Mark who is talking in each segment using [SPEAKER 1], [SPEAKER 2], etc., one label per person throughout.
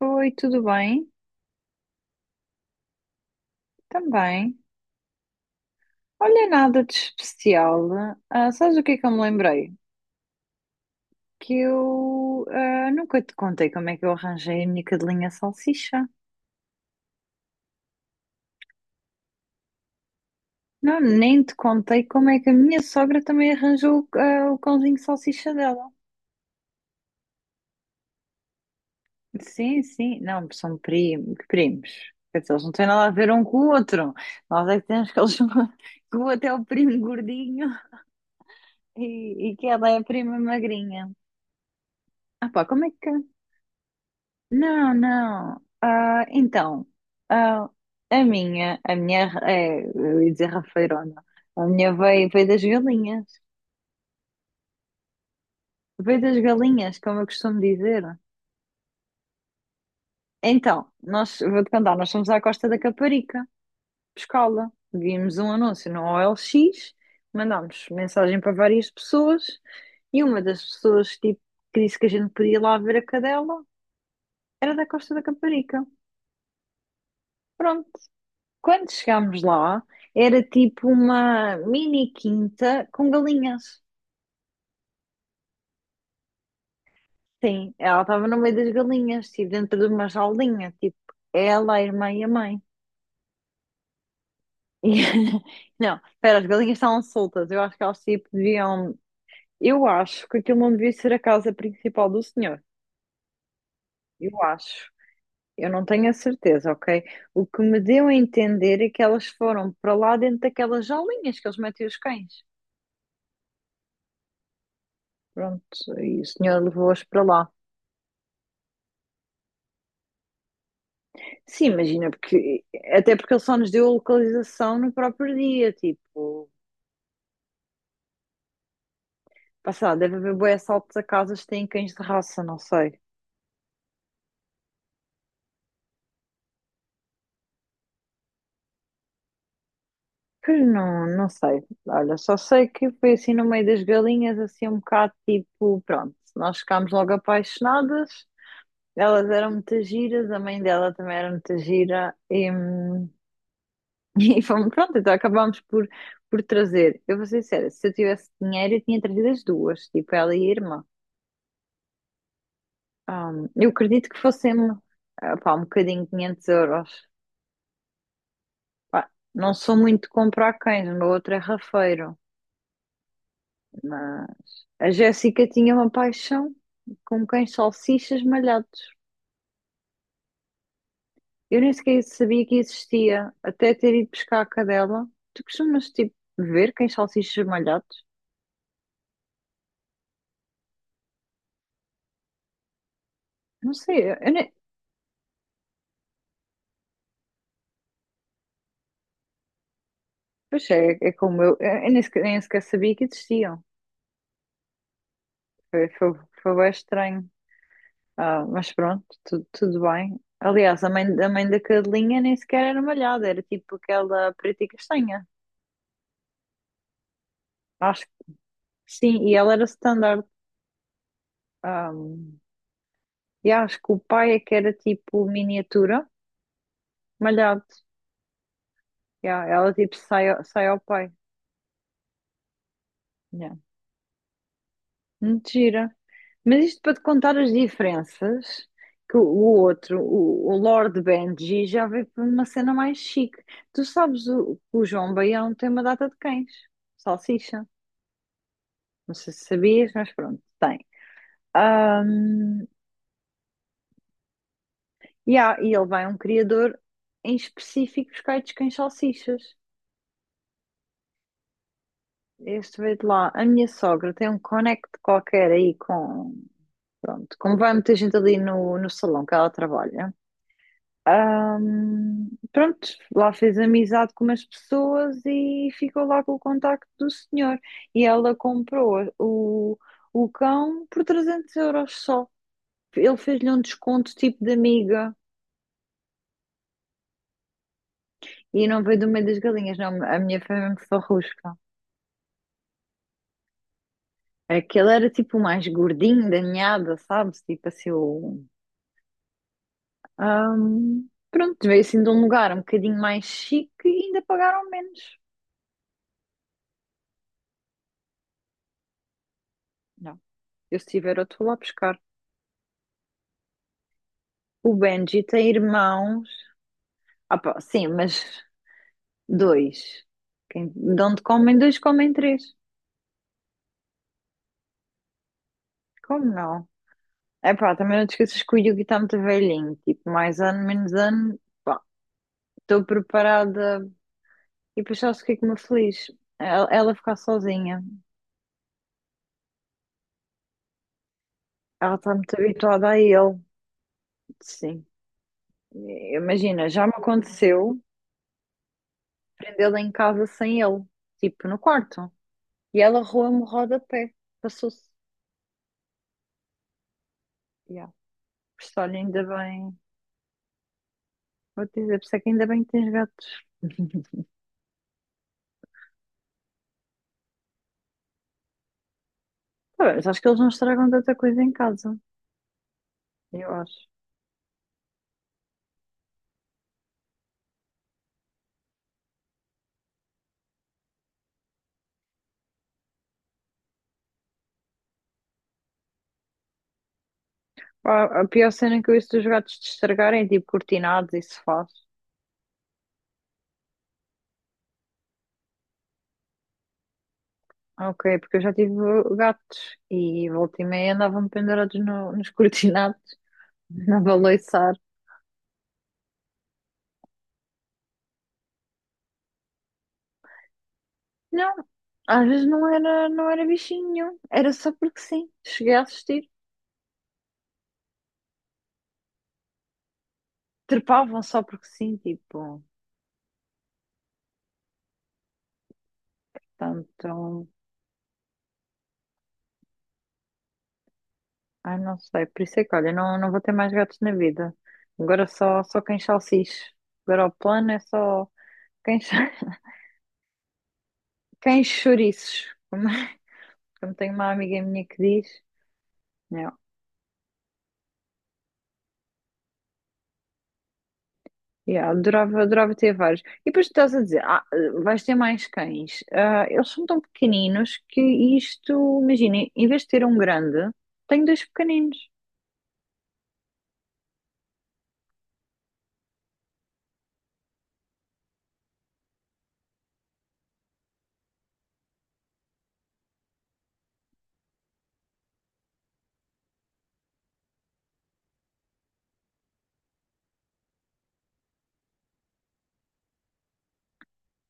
[SPEAKER 1] Oi, tudo bem? Também. Olha, nada de especial. Ah, sabes o que é que eu me lembrei? Que eu nunca te contei como é que eu arranjei a minha cadelinha salsicha. Não, nem te contei como é que a minha sogra também arranjou o cãozinho salsicha dela. Sim, sim. Não, são primos, primos. Quer dizer, eles não têm nada a ver um com o outro. Nós é que temos que eles... que o outro é o primo gordinho e que ela é a prima magrinha. Ah pá, como é que... Não, não. Ah, então, ah, a minha, é, eu ia dizer rafeirona, a minha veio das galinhas, veio das galinhas, como eu costumo dizer. Então, nós, vou-te contar, nós fomos à Costa da Caparica, pescá-la, vimos um anúncio no OLX, mandámos mensagem para várias pessoas, e uma das pessoas, tipo, que disse que a gente podia ir lá ver a cadela, era da Costa da Caparica. Pronto. Quando chegámos lá, era tipo uma mini quinta com galinhas. Sim, ela estava no meio das galinhas, tipo dentro de uma jaulinha, tipo ela, a irmã e a mãe. E- Não, espera, as galinhas estavam soltas. Eu acho que elas tipo deviam. Eu acho que aquilo não devia ser a casa principal do senhor. Eu acho. Eu não tenho a certeza, ok? O que me deu a entender é que elas foram para lá dentro daquelas jaulinhas que eles metem os cães. Pronto, e o senhor levou-as para lá. Sim, imagina, porque até porque ele só nos deu a localização no próprio dia, tipo, pá, sei lá, deve haver bué assaltos a casas que têm cães de raça, não sei. Pois não, não sei. Olha, só sei que foi assim no meio das galinhas, assim um bocado tipo, pronto, nós ficámos logo apaixonadas, elas eram muito giras, a mãe dela também era muito gira, e, e fomos, pronto, então acabámos por trazer. Eu vou ser sincera, se eu tivesse dinheiro, eu tinha trazido as duas, tipo, ela e a irmã. Ah, eu acredito que fossem pá, um bocadinho 500 euros. Pá, não sou muito de comprar cães, o meu outro é rafeiro. Mas a Jéssica tinha uma paixão com cães salsichas malhados. Eu nem sequer sabia que existia, até ter ido pescar a cadela. Tu costumas, tipo, ver cães salsichas malhados? Não sei, eu nem... Pois é, é como eu nem sequer sabia que existiam. Foi, foi, foi bem estranho. Ah, mas pronto, tudo bem. Aliás, a mãe da cadelinha nem sequer era malhada, era tipo aquela preta e castanha. Acho que sim, e ela era standard. Ah, e acho que o pai é que era tipo miniatura, malhado. Ya, ela tipo sai ao pai. Yeah. Muito gira. Mas isto para te contar as diferenças, que o outro, o Lord Benji, já veio para uma cena mais chique. Tu sabes que o João Baião tem uma data de cães, salsicha. Não sei se sabias, mas pronto, tem. Ahm, yeah, e ele vai a um criador em específico buscar de quem salsichas. Este veio de lá. A minha sogra tem um connect qualquer aí com. Pronto, como vai muita gente ali no salão que ela trabalha. Pronto, lá fez amizade com umas pessoas e ficou lá com o contacto do senhor. E ela comprou o cão por 300 euros só. Ele fez-lhe um desconto tipo de amiga. E não veio do meio das galinhas, não. A minha foi mesmo só rusca. Aquele era tipo o mais gordinho da ninhada, sabes? Tipo assim, o... Pronto, veio assim de um lugar um bocadinho mais chique e ainda pagaram menos. Não, eu se tiver outro vou lá buscar. O Benji tem irmãos. Ah, pá, sim, mas dois. De onde comem dois, comem três. Como não? É pá, também não te esqueças que o Yugi está muito velhinho. Tipo, mais ano, menos ano. Pá, estou preparada. E depois sabes o que é que me feliz? Ela ficar sozinha. Ela está muito habituada a ele. Sim. Imagina, já me aconteceu prendê-la em casa sem ele, tipo no quarto. E ela roa-me o rodapé. Passou-se. Yeah. Por isso, olha, ainda bem. Vou te dizer, por isso é que ainda bem que tens gatos. Tá bem, mas acho que eles não estragam tanta coisa em casa. Eu acho. Pá, a pior cena que eu ouço dos gatos de estragarem é tipo cortinados e sofás. Ok, porque eu já tive gatos e volta e meia andavam pendurados nos cortinados, na baleiçar. Não, às vezes não era bichinho nenhum, era só porque sim. Cheguei a assistir, trepavam só porque sim, tipo, tanto, ai não sei, por isso é que olha, não, não vou ter mais gatos na vida. Agora só quem salsiche. Agora o plano é só quem, cha- quem chouriços, como tem uma amiga minha que diz, né? Yeah, adorava, adorava ter vários. E depois tu estás a dizer, vais ter mais cães. Ah, eles são tão pequeninos que isto, imagina, em vez de ter um grande, tenho dois pequeninos.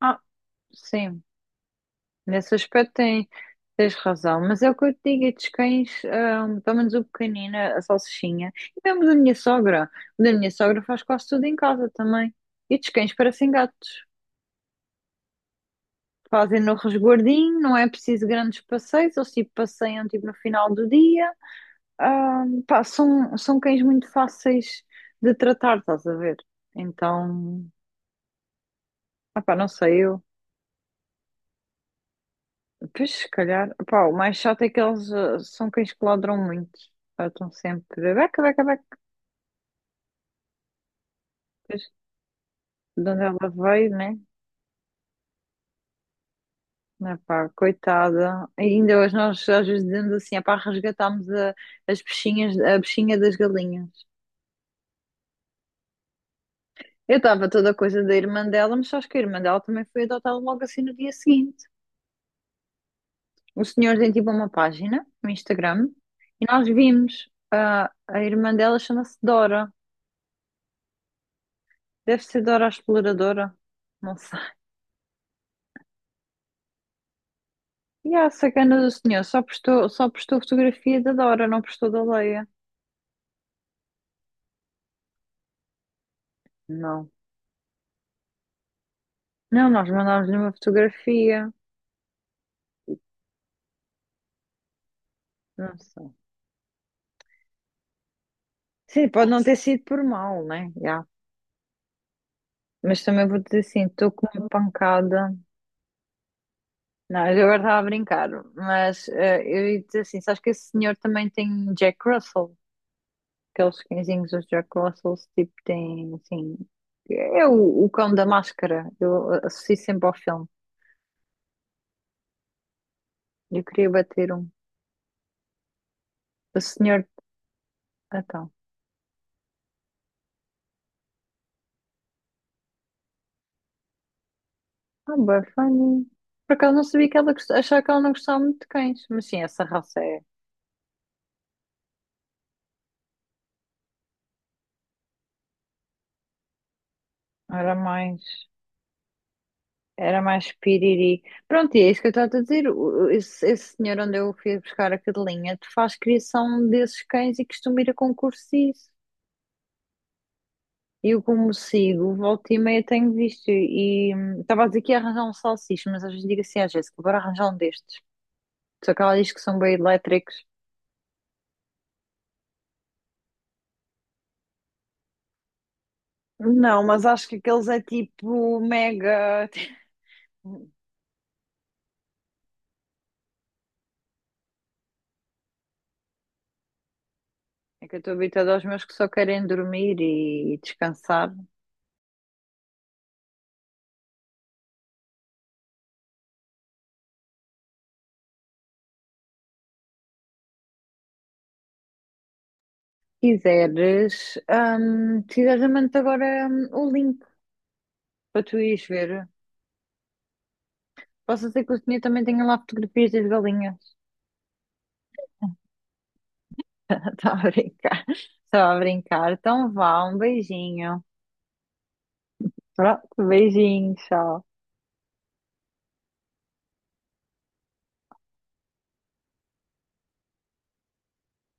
[SPEAKER 1] Ah, sim, nesse aspecto tens razão. Mas é o que eu te digo, estes cães, pelo menos o pequenino, a salsichinha, e mesmo da minha sogra. O da minha sogra faz quase tudo em casa também. E estes cães parecem gatos. Fazem no resguardinho, não é preciso grandes passeios, eles tipo passeiam tipo no final do dia. Ah, pá, são cães muito fáceis de tratar, estás a ver? Então, pá, não sei eu. Pois, se calhar, pá, o mais chato é que eles são cães que ladram muito. Pá, estão sempre, beca, beca, beca. Pois, de onde ela veio, né? Ah, pá, coitada. E ainda hoje nós às vezes dizemos assim, ah, pá, resgatámos as peixinhas, a bichinha das galinhas. Eu estava toda a coisa da irmã dela, mas acho que a irmã dela também foi adotada logo assim no dia seguinte. O senhor tem tipo uma página no Instagram e nós vimos a irmã dela chama-se Dora. Deve ser Dora a Exploradora. Não sei. E a sacana do senhor só postou fotografia da Dora, não postou da Leia. Não. Não, nós mandámos-lhe uma fotografia. Não sei. Sim, pode não ter sido por mal, né? Já. Mas também vou dizer assim, estou com uma pancada. Não, eu agora estava a brincar, mas eu ia dizer assim, sabes que esse senhor também tem Jack Russell? Aqueles cãezinhos, os Jack Russells, tipo, têm, assim... É o cão da máscara. Eu associo sempre ao filme. Eu queria bater um. O senhor... Então. Ah, bem funny. Por acaso não sabia que ela achava que ela não gostava muito de cães. Mas sim, essa raça é... Era mais... Era mais piriri. Pronto, e é isso que eu estava a dizer. Esse senhor onde eu fui buscar a cadelinha faz criação desses cães e costuma ir a concursos e isso. E eu como sigo, volta e meia tenho visto e estava a dizer que ia arranjar um salsicha, mas às vezes digo assim à Jéssica, bora arranjar um destes. Só que ela diz que são bem elétricos. Não, mas acho que aqueles é tipo mega. É que eu estou habituada aos meus que só querem dormir e descansar. Se quiseres, eu mando-te agora o link para tu ires ver. Posso dizer que o senhor também tem lá fotografias das galinhas. Estava a brincar. Estava a brincar. Então vá, um beijinho. Ah, beijinho, tchau.